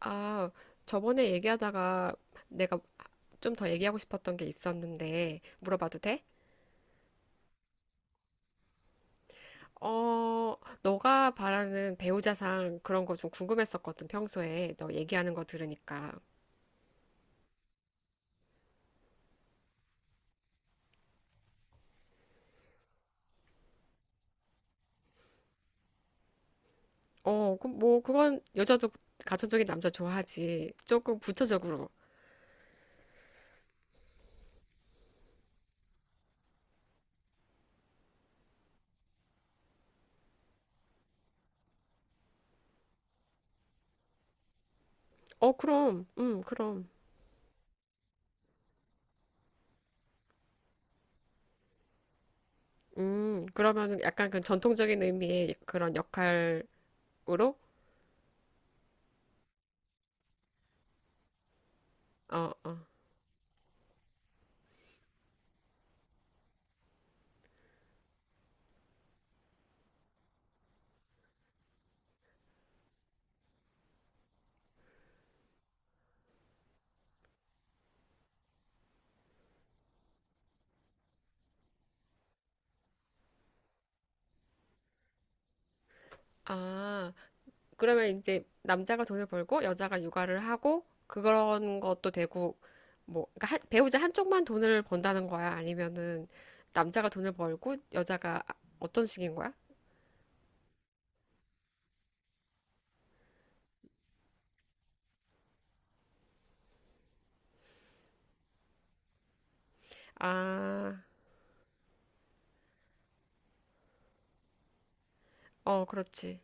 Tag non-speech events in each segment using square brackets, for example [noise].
아, 저번에 얘기하다가 내가 좀 더 얘기하고 싶었던 게 있었는데 물어봐도 돼? 어, 너가 바라는 배우자상 그런 거 좀 궁금했었거든, 평소에. 너 얘기하는 거 들으니까. 뭐, 그건 여자도 가천적인 남자 좋아하지. 조금 부차적으로. 어, 그럼. 그럼. 그러면은 약간 그 전통적인 의미의 그런 역할으로? 어, 어. 아, 그러면 이제 남자가 돈을 벌고 여자가 육아를 하고 그런 것도 되고 뭐 그러니까 배우자 한쪽만 돈을 번다는 거야? 아니면은 남자가 돈을 벌고 여자가 어떤 식인 거야? 아, 어, 그렇지.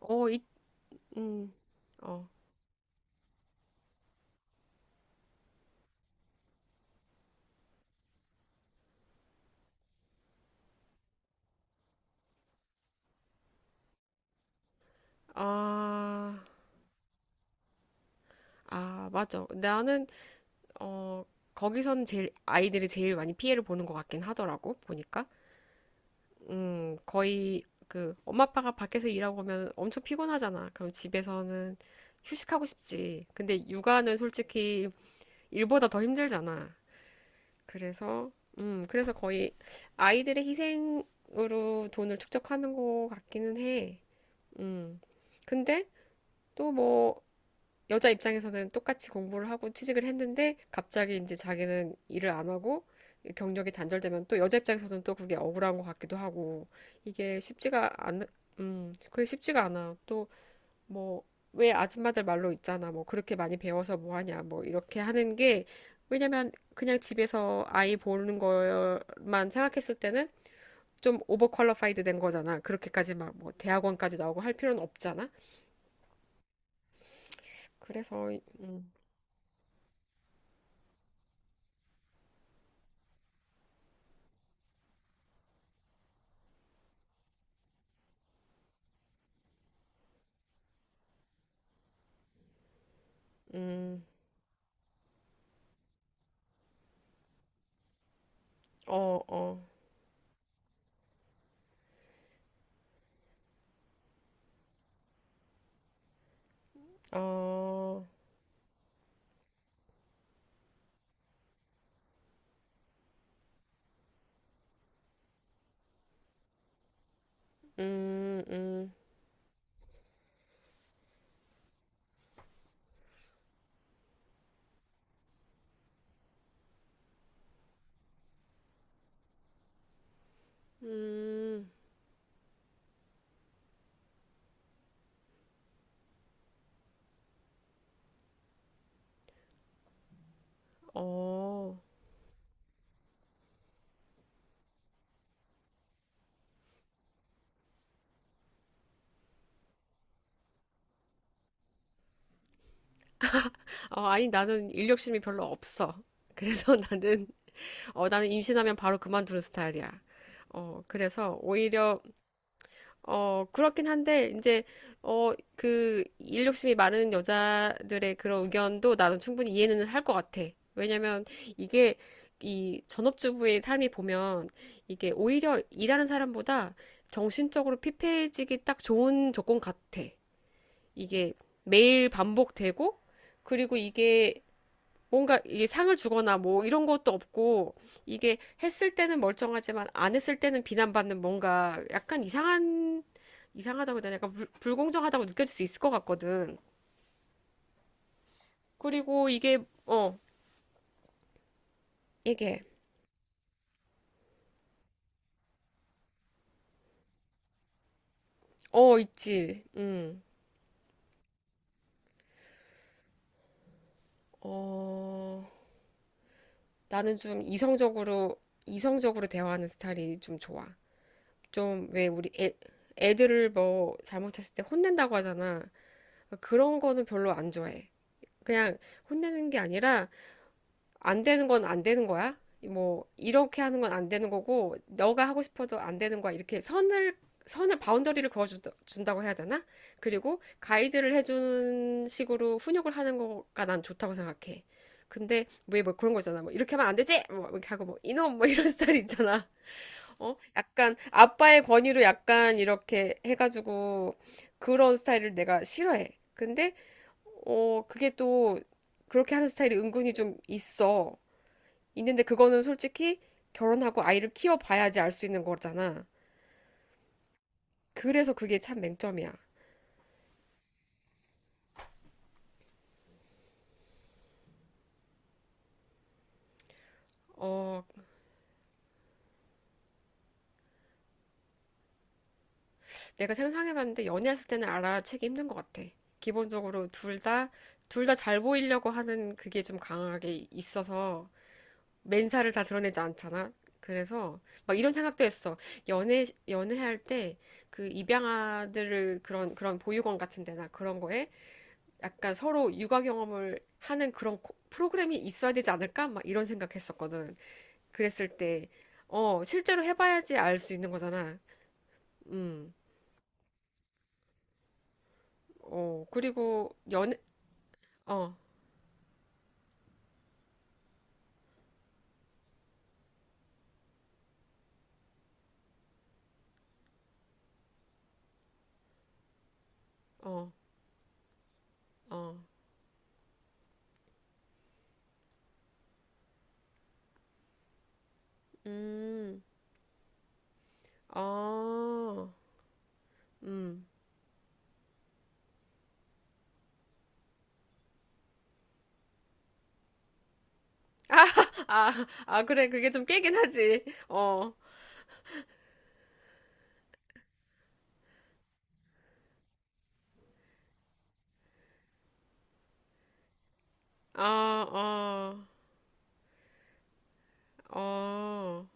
어, 이, 음, 어, 아, 아, 맞아. 나는 어 거기선 제일 아이들이 제일 많이 피해를 보는 것 같긴 하더라고 보니까. 거의 그 엄마 아빠가 밖에서 일하고 오면 엄청 피곤하잖아. 그럼 집에서는 휴식하고 싶지. 근데 육아는 솔직히 일보다 더 힘들잖아. 그래서 그래서 거의 아이들의 희생으로 돈을 축적하는 것 같기는 해. 음. 근데 또뭐 여자 입장에서는 똑같이 공부를 하고 취직을 했는데 갑자기 이제 자기는 일을 안 하고 경력이 단절되면 또 여자 입장에서는 또 그게 억울한 것 같기도 하고 이게 쉽지가 않, 그게 쉽지가 않아. 또 뭐, 왜 아줌마들 말로 있잖아. 뭐 그렇게 많이 배워서 뭐 하냐. 뭐 이렇게 하는 게 왜냐면 그냥 집에서 아이 보는 것만 생각했을 때는 좀 오버퀄리파이드 된 거잖아. 그렇게까지 막 뭐 대학원까지 나오고 할 필요는 없잖아. 그래서 음, 음, 어, 어. 어, 음, 음, 음, 어. 아니, 나는 일 욕심이 별로 없어. 그래서 [laughs] 나는, 나는 임신하면 바로 그만두는 스타일이야. 어, 그래서 오히려 어, 그렇긴 한데, 이제, 일 욕심이 많은 여자들의 그런 의견도 나는 충분히 이해는 할 것 같아. 왜냐면, 이게, 이 전업주부의 삶이 보면, 이게 오히려 일하는 사람보다 정신적으로 피폐해지기 딱 좋은 조건 같아. 이게 매일 반복되고, 그리고 이게 뭔가 이게 상을 주거나 뭐 이런 것도 없고 이게 했을 때는 멀쩡하지만 안 했을 때는 비난받는 뭔가 약간 이상한 이상하다고 해야 되나 약간 불공정하다고 느껴질 수 있을 것 같거든. 그리고 이게 어 이게 어 있지. 음. 어 나는 좀 이성적으로 대화하는 스타일이 좀 좋아. 좀 왜 우리 애들을 뭐 잘못했을 때 혼낸다고 하잖아. 그러니까 그런 거는 별로 안 좋아해. 그냥 혼내는 게 아니라 안 되는 건 안 되는 거야. 뭐 이렇게 하는 건 안 되는 거고 너가 하고 싶어도 안 되는 거야. 이렇게 선을 바운더리를 그어 준다고 해야 되나? 그리고 가이드를 해주는 식으로 훈육을 하는 거가 난 좋다고 생각해. 근데 왜 뭐 그런 거잖아. 뭐 이렇게 하면 안 되지. 뭐 이렇게 하고 뭐 이놈 뭐 이런 [laughs] 스타일 있잖아. 어? 약간 아빠의 권위로 약간 이렇게 해가지고 그런 스타일을 내가 싫어해. 근데 어 그게 또 그렇게 하는 스타일이 은근히 좀 있어. 있는데 그거는 솔직히 결혼하고 아이를 키워봐야지 알 수 있는 거잖아. 그래서 그게 참 맹점이야. 어, 내가 상상해봤는데 연애했을 때는 알아채기 힘든 것 같아. 기본적으로 둘 다 잘 보이려고 하는 그게 좀 강하게 있어서 맨살을 다 드러내지 않잖아. 그래서 막 이런 생각도 했어. 연애할 때 그 입양아들을 그런 보육원 같은 데나 그런 거에 약간 서로 육아 경험을 하는 그런 프로그램이 있어야 되지 않을까? 막 이런 생각했었거든. 그랬을 때, 어, 실제로 해봐야지 알 수 있는 거잖아. 음, 어, 그리고 어, 어, 어, 음, 어, 음. 아, 아, 그래. 그게 좀 깨긴 하지. 어, 아, 어, 어,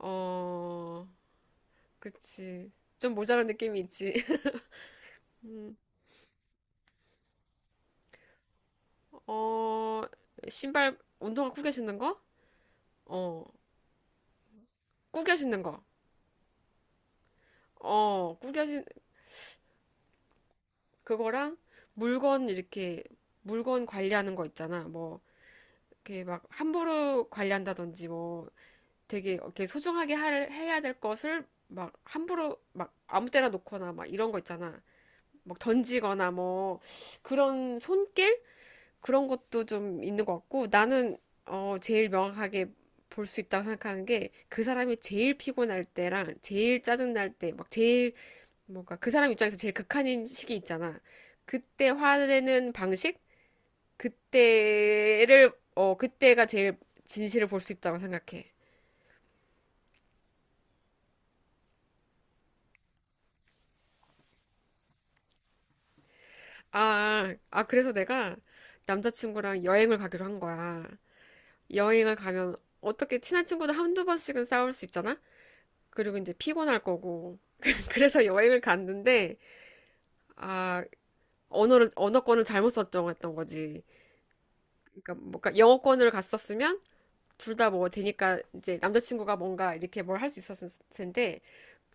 어, 그치. 좀 모자란 느낌이 있지. [laughs] 어, 신발, 운동화 구겨 신는 거? 어, 구겨 신는 거. 어, 구겨 신, 그거랑 물건 이렇게, 물건 관리하는 거 있잖아. 뭐, 이렇게 막 함부로 관리한다든지 뭐, 되게 이렇게 소중하게 해야 될 것을 막 함부로 막 아무 때나 놓거나 막 이런 거 있잖아. 막 던지거나 뭐, 그런 손길? 그런 것도 좀 있는 것 같고 나는 어, 제일 명확하게 볼 수 있다고 생각하는 게 그 사람이 제일 피곤할 때랑 제일 짜증날 때 막 제일 뭔가 그 사람 입장에서 제일 극한인 시기 있잖아. 그때 화내는 방식? 그때를 어 그때가 제일 진실을 볼 수 있다고 생각해. 아, 아 그래서 내가 남자친구랑 여행을 가기로 한 거야. 여행을 가면 어떻게 친한 친구도 한두 번씩은 싸울 수 있잖아. 그리고 이제 피곤할 거고. [laughs] 그래서 여행을 갔는데, 아, 언어권을 잘못 설정했던 거지. 그러니까 뭔가 영어권을 갔었으면 둘 다 뭐 되니까 이제 남자친구가 뭔가 이렇게 뭘 할 수 있었을 텐데,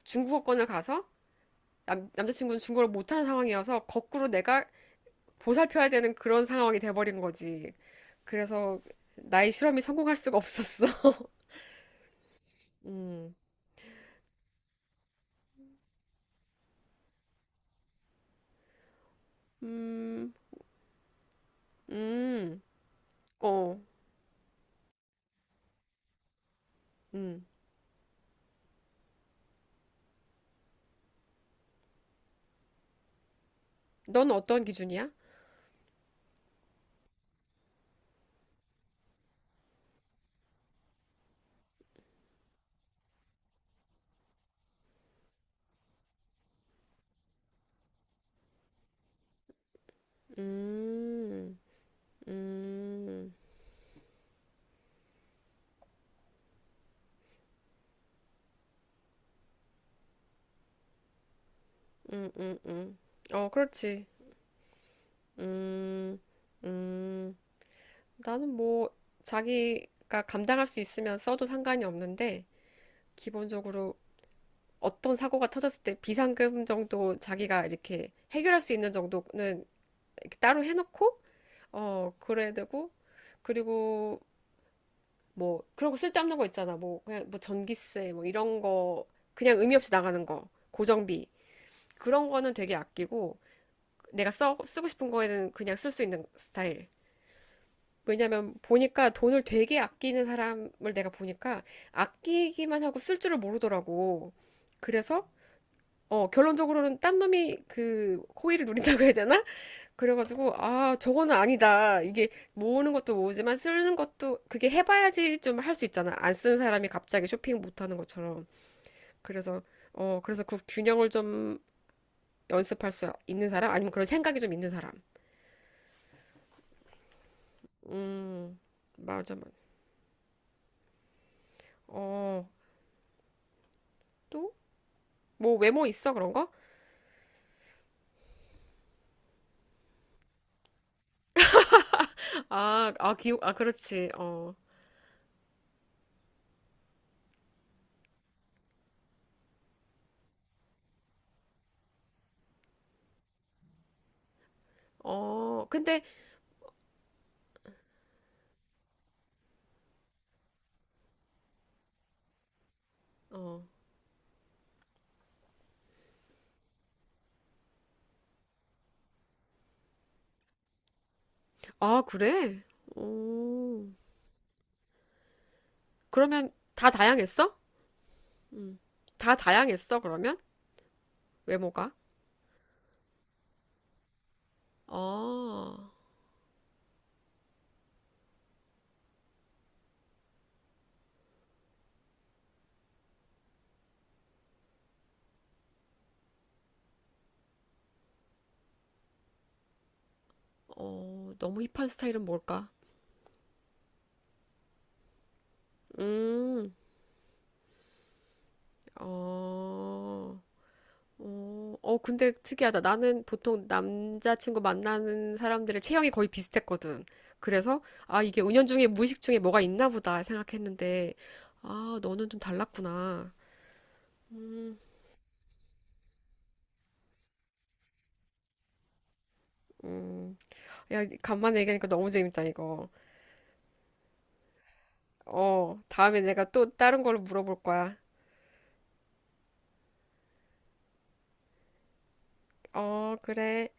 중국어권을 가서 남자친구는 중국어를 못하는 상황이어서 거꾸로 내가 보살펴야 되는 그런 상황이 돼버린 거지. 그래서 나의 실험이 성공할 수가 없었어. [laughs] 음, 음, 음, 어, 음. 넌 어떤 기준이야? 음, 음, 음, 음, 음. 어, 그렇지. 음, 음. 나는 뭐, 자기가 감당할 수 있으면 써도 상관이 없는데, 기본적으로 어떤 사고가 터졌을 때 비상금 정도 자기가 이렇게 해결할 수 있는 정도는 이렇게 따로 해놓고, 어, 그래야 되고, 그리고 뭐, 그런 거 쓸데없는 거 있잖아. 뭐, 그냥 뭐 전기세, 뭐 이런 거, 그냥 의미 없이 나가는 거, 고정비. 그런 거는 되게 아끼고, 내가 쓰고 싶은 거에는 그냥 쓸 수 있는 스타일. 왜냐면 보니까 돈을 되게 아끼는 사람을 내가 보니까 아끼기만 하고 쓸 줄을 모르더라고. 그래서 어, 결론적으로는 딴 놈이 그 호의를 누린다고 해야 되나? 그래가지고 아 저거는 아니다. 이게 모으는 것도 모으지만 쓰는 것도 그게 해봐야지 좀 할 수 있잖아. 안 쓰는 사람이 갑자기 쇼핑 못하는 것처럼. 그래서 어 그래서 그 균형을 좀 연습할 수 있는 사람 아니면 그런 생각이 좀 있는 사람. 음, 맞아, 맞아. 어, 또? 뭐 외모 있어, 그런 거? 아, 아, 기억, 아, 그렇지. 어, 어, 근데, 어, 아, 그래? 오, 그러면 다 다양했어? 다 다양했어, 그러면? 외모가? 어, 어, 너무 힙한 스타일은 뭘까? 음, 어, 어, 어, 근데 특이하다. 나는 보통 남자친구 만나는 사람들의 체형이 거의 비슷했거든. 그래서, 아, 이게 은연중에 무의식 중에 뭐가 있나 보다 생각했는데, 아, 너는 좀 달랐구나. 음, 음. 야, 간만에 얘기하니까 너무 재밌다, 이거. 어, 다음에 내가 또 다른 걸로 물어볼 거야. 어, 그래.